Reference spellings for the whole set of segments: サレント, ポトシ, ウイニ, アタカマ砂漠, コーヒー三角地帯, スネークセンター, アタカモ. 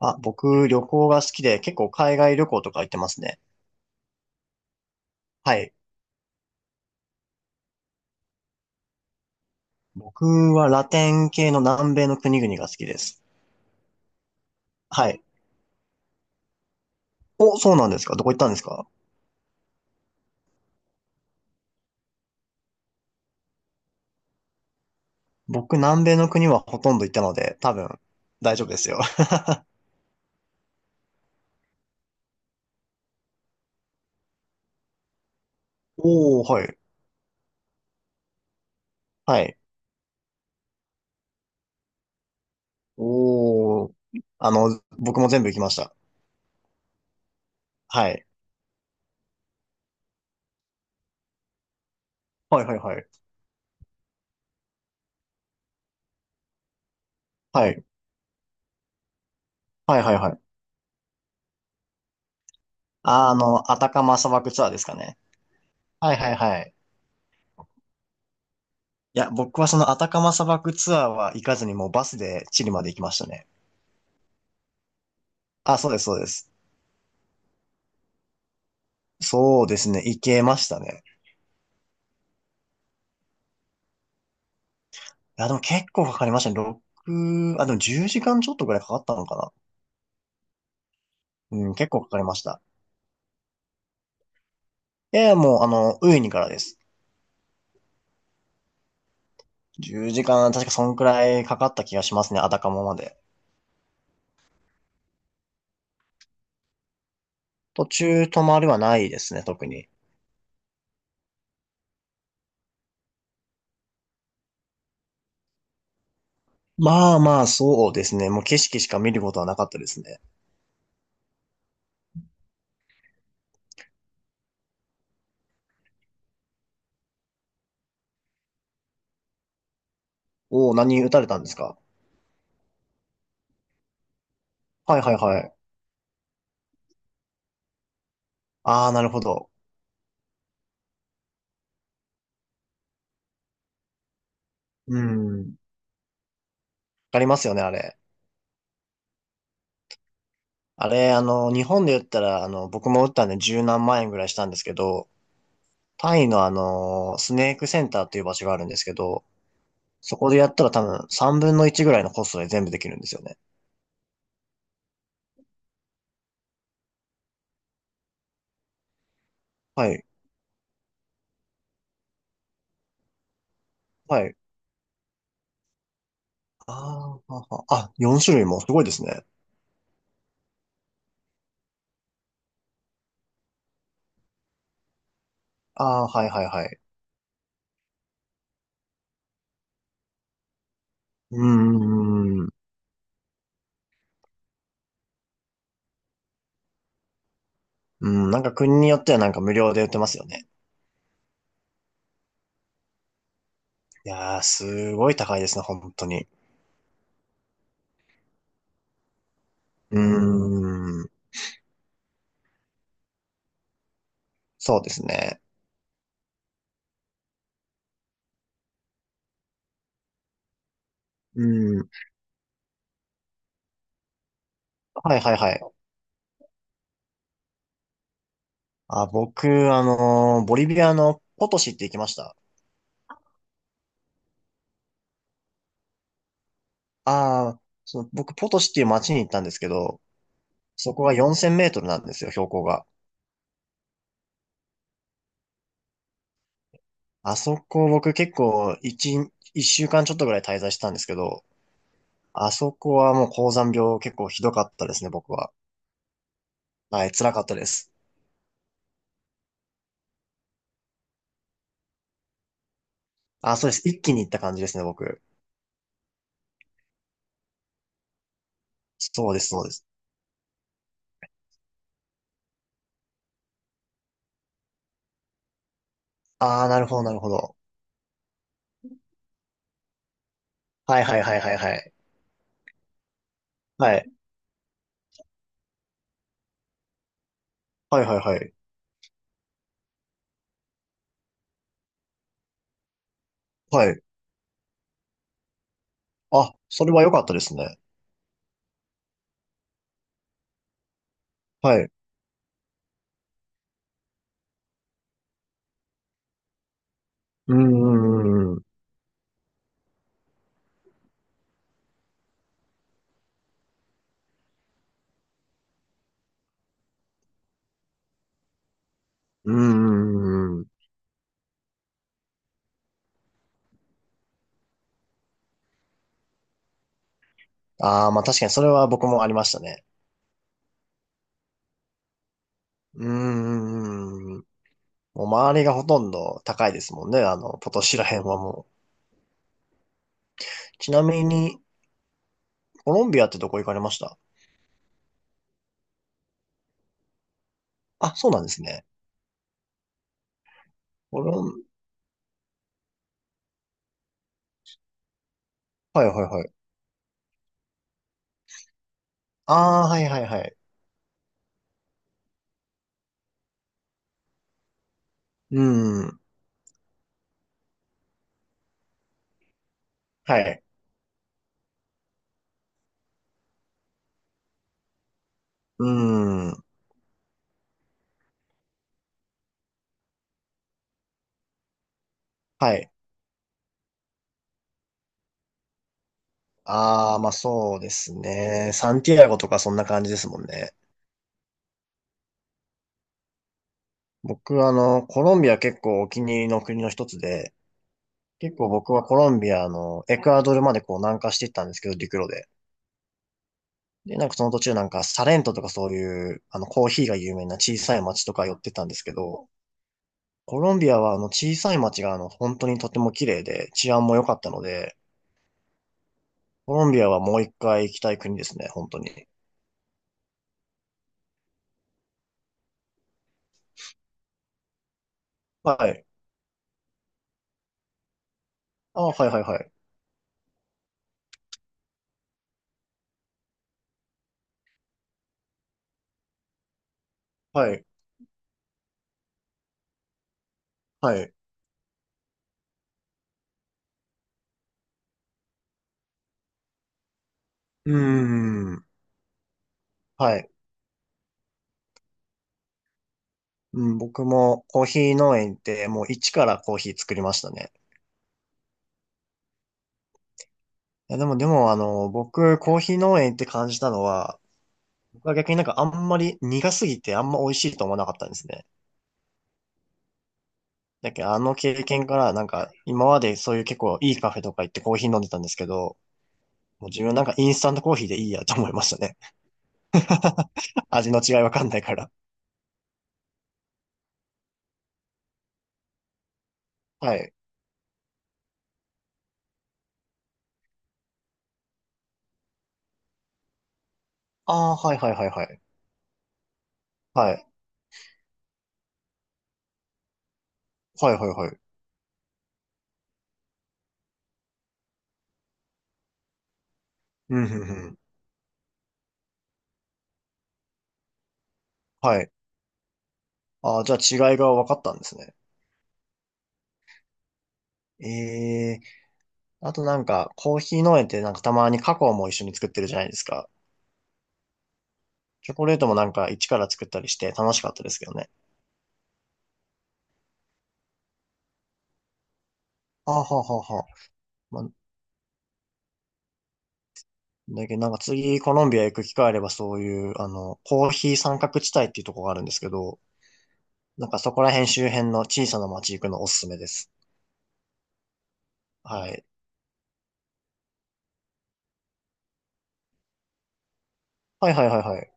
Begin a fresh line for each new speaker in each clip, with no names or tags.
あ、僕、旅行が好きで、結構海外旅行とか行ってますね。はい。僕はラテン系の南米の国々が好きです。はい。お、そうなんですか？どこ行ったんですか？僕、南米の国はほとんど行ったので、多分、大丈夫ですよ。おー、はい。はい。おー。あの、僕も全部行きました。はい。はいはいはい。はい。はいはいはい。あの、アタカマ砂漠ツアーですかね。はいはいはい。いや、僕はそのアタカマ砂漠ツアーは行かずにもうバスでチリまで行きましたね。あ、そうです、そうです。そうですね。行けましたね。いや、でも結構かかりましたね。6、あ、でも10時間ちょっとぐらいかかったのかな。うん、結構かかりました。いやいや、もう、あの、ウイニからです。10時間、確かそんくらいかかった気がしますね。アタカモまで。途中止まりはないですね、特に。まあまあ、そうですね。もう景色しか見ることはなかったですね。おお、何打たれたんですか？はいはいはい。ああ、なるほど。うん。わかりますよね、あれ。あれ、あの、日本で言ったら、あの、僕も打ったんで十何万円ぐらいしたんですけど、タイのスネークセンターっていう場所があるんですけど、そこでやったら多分3分の1ぐらいのコストで全部できるんですよね。はい、はい。あーははあ、4種類もすごいですね。ああ、はいはいはい。うん、うん、うん、うん、なんか国によってはなんか無料で売ってますよね。いやー、すごい高いですね、本当に。うーん、そうですね。うん、はいはいはい。あ、僕、ボリビアのポトシって行きました。ああ、その、僕、ポトシっていう街に行ったんですけど、そこが4000メートルなんですよ、標高が。あそこ、僕結構、一週間ちょっとぐらい滞在してたんですけど、あそこはもう高山病結構ひどかったですね、僕は。はい、辛かったです。あ、そうです。一気に行った感じですね、僕。そうです、そうです。ああ、なるほど、なるほど。はい、はい、はい、はい、はい。はい、はい、はい、はい。はい。あ、それは良かったですね。はい。うん、うん、うんうん。うーん。うん。ああ、まあ確かにそれは僕もありましたね。うんうんうん。もう周りがほとんど高いですもんね。あの、ポトシら辺はもう。ちなみに、コロンビアってどこ行かれました？あ、そうなんですね。コロン、はいはいはい。ああ、はいはいはい。うーん。はい。うーん。はい。ああ、まあそうですね。サンティアゴとかそんな感じですもんね。僕、コロンビア結構お気に入りの国の一つで、結構僕はコロンビアのエクアドルまでこう南下していったんですけど、陸路で。で、なんかその途中なんかサレントとかそういう、コーヒーが有名な小さい町とか寄ってたんですけど、コロンビアはあの小さい町があの本当にとても綺麗で治安も良かったので、コロンビアはもう一回行きたい国ですね、本当に。はい。あ、はいはいはい。はい。はい。うーん。はい。うん、僕もコーヒー農園行ってもう一からコーヒー作りましたね。いや、でもあの、僕コーヒー農園行って感じたのは、僕は逆になんかあんまり苦すぎてあんま美味しいと思わなかったんですね。だけどあの経験からなんか今までそういう結構いいカフェとか行ってコーヒー飲んでたんですけど、もう自分なんかインスタントコーヒーでいいやと思いましたね。味の違いわかんないから。はい。ああ、はいはいはいはい。はい。はいはいはい。うんうんうん。はい。ああ、じゃあ違いが分かったんですね。ええ。あとなんかコーヒー農園ってなんかたまにカカオも一緒に作ってるじゃないですか。チョコレートもなんか一から作ったりして楽しかったですけどね。ああ、はあはあはあ。だけどなんか次コロンビア行く機会あればそういう、コーヒー三角地帯っていうところがあるんですけど、なんかそこら辺周辺の小さな町行くのおすすめです。はい。はいはいはいはい。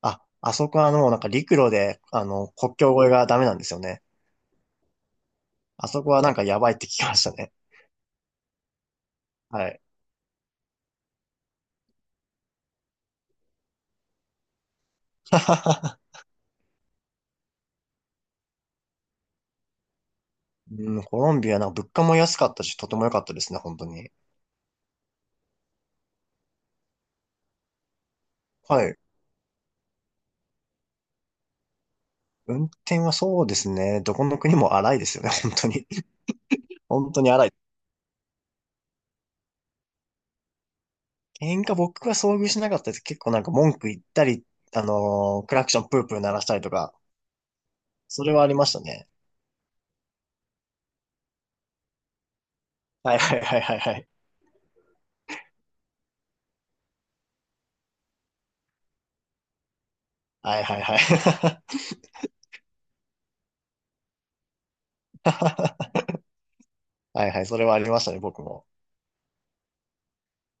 あ、あそこはもうなんか陸路で、国境越えがダメなんですよね。あそこはなんかやばいって聞きましたね。はい。うん、コロンビアなんか物価も安かったし、とても良かったですね、本当に。はい。運転はそうですね。どこの国も荒いですよね、本当に。本当に荒い。喧嘩僕は遭遇しなかったです。結構なんか文句言ったり、クラクションプープー鳴らしたりとか、それはありましたね。はいはいはいはいはい。はいはいはい。はいはい、それはありましたね、僕も。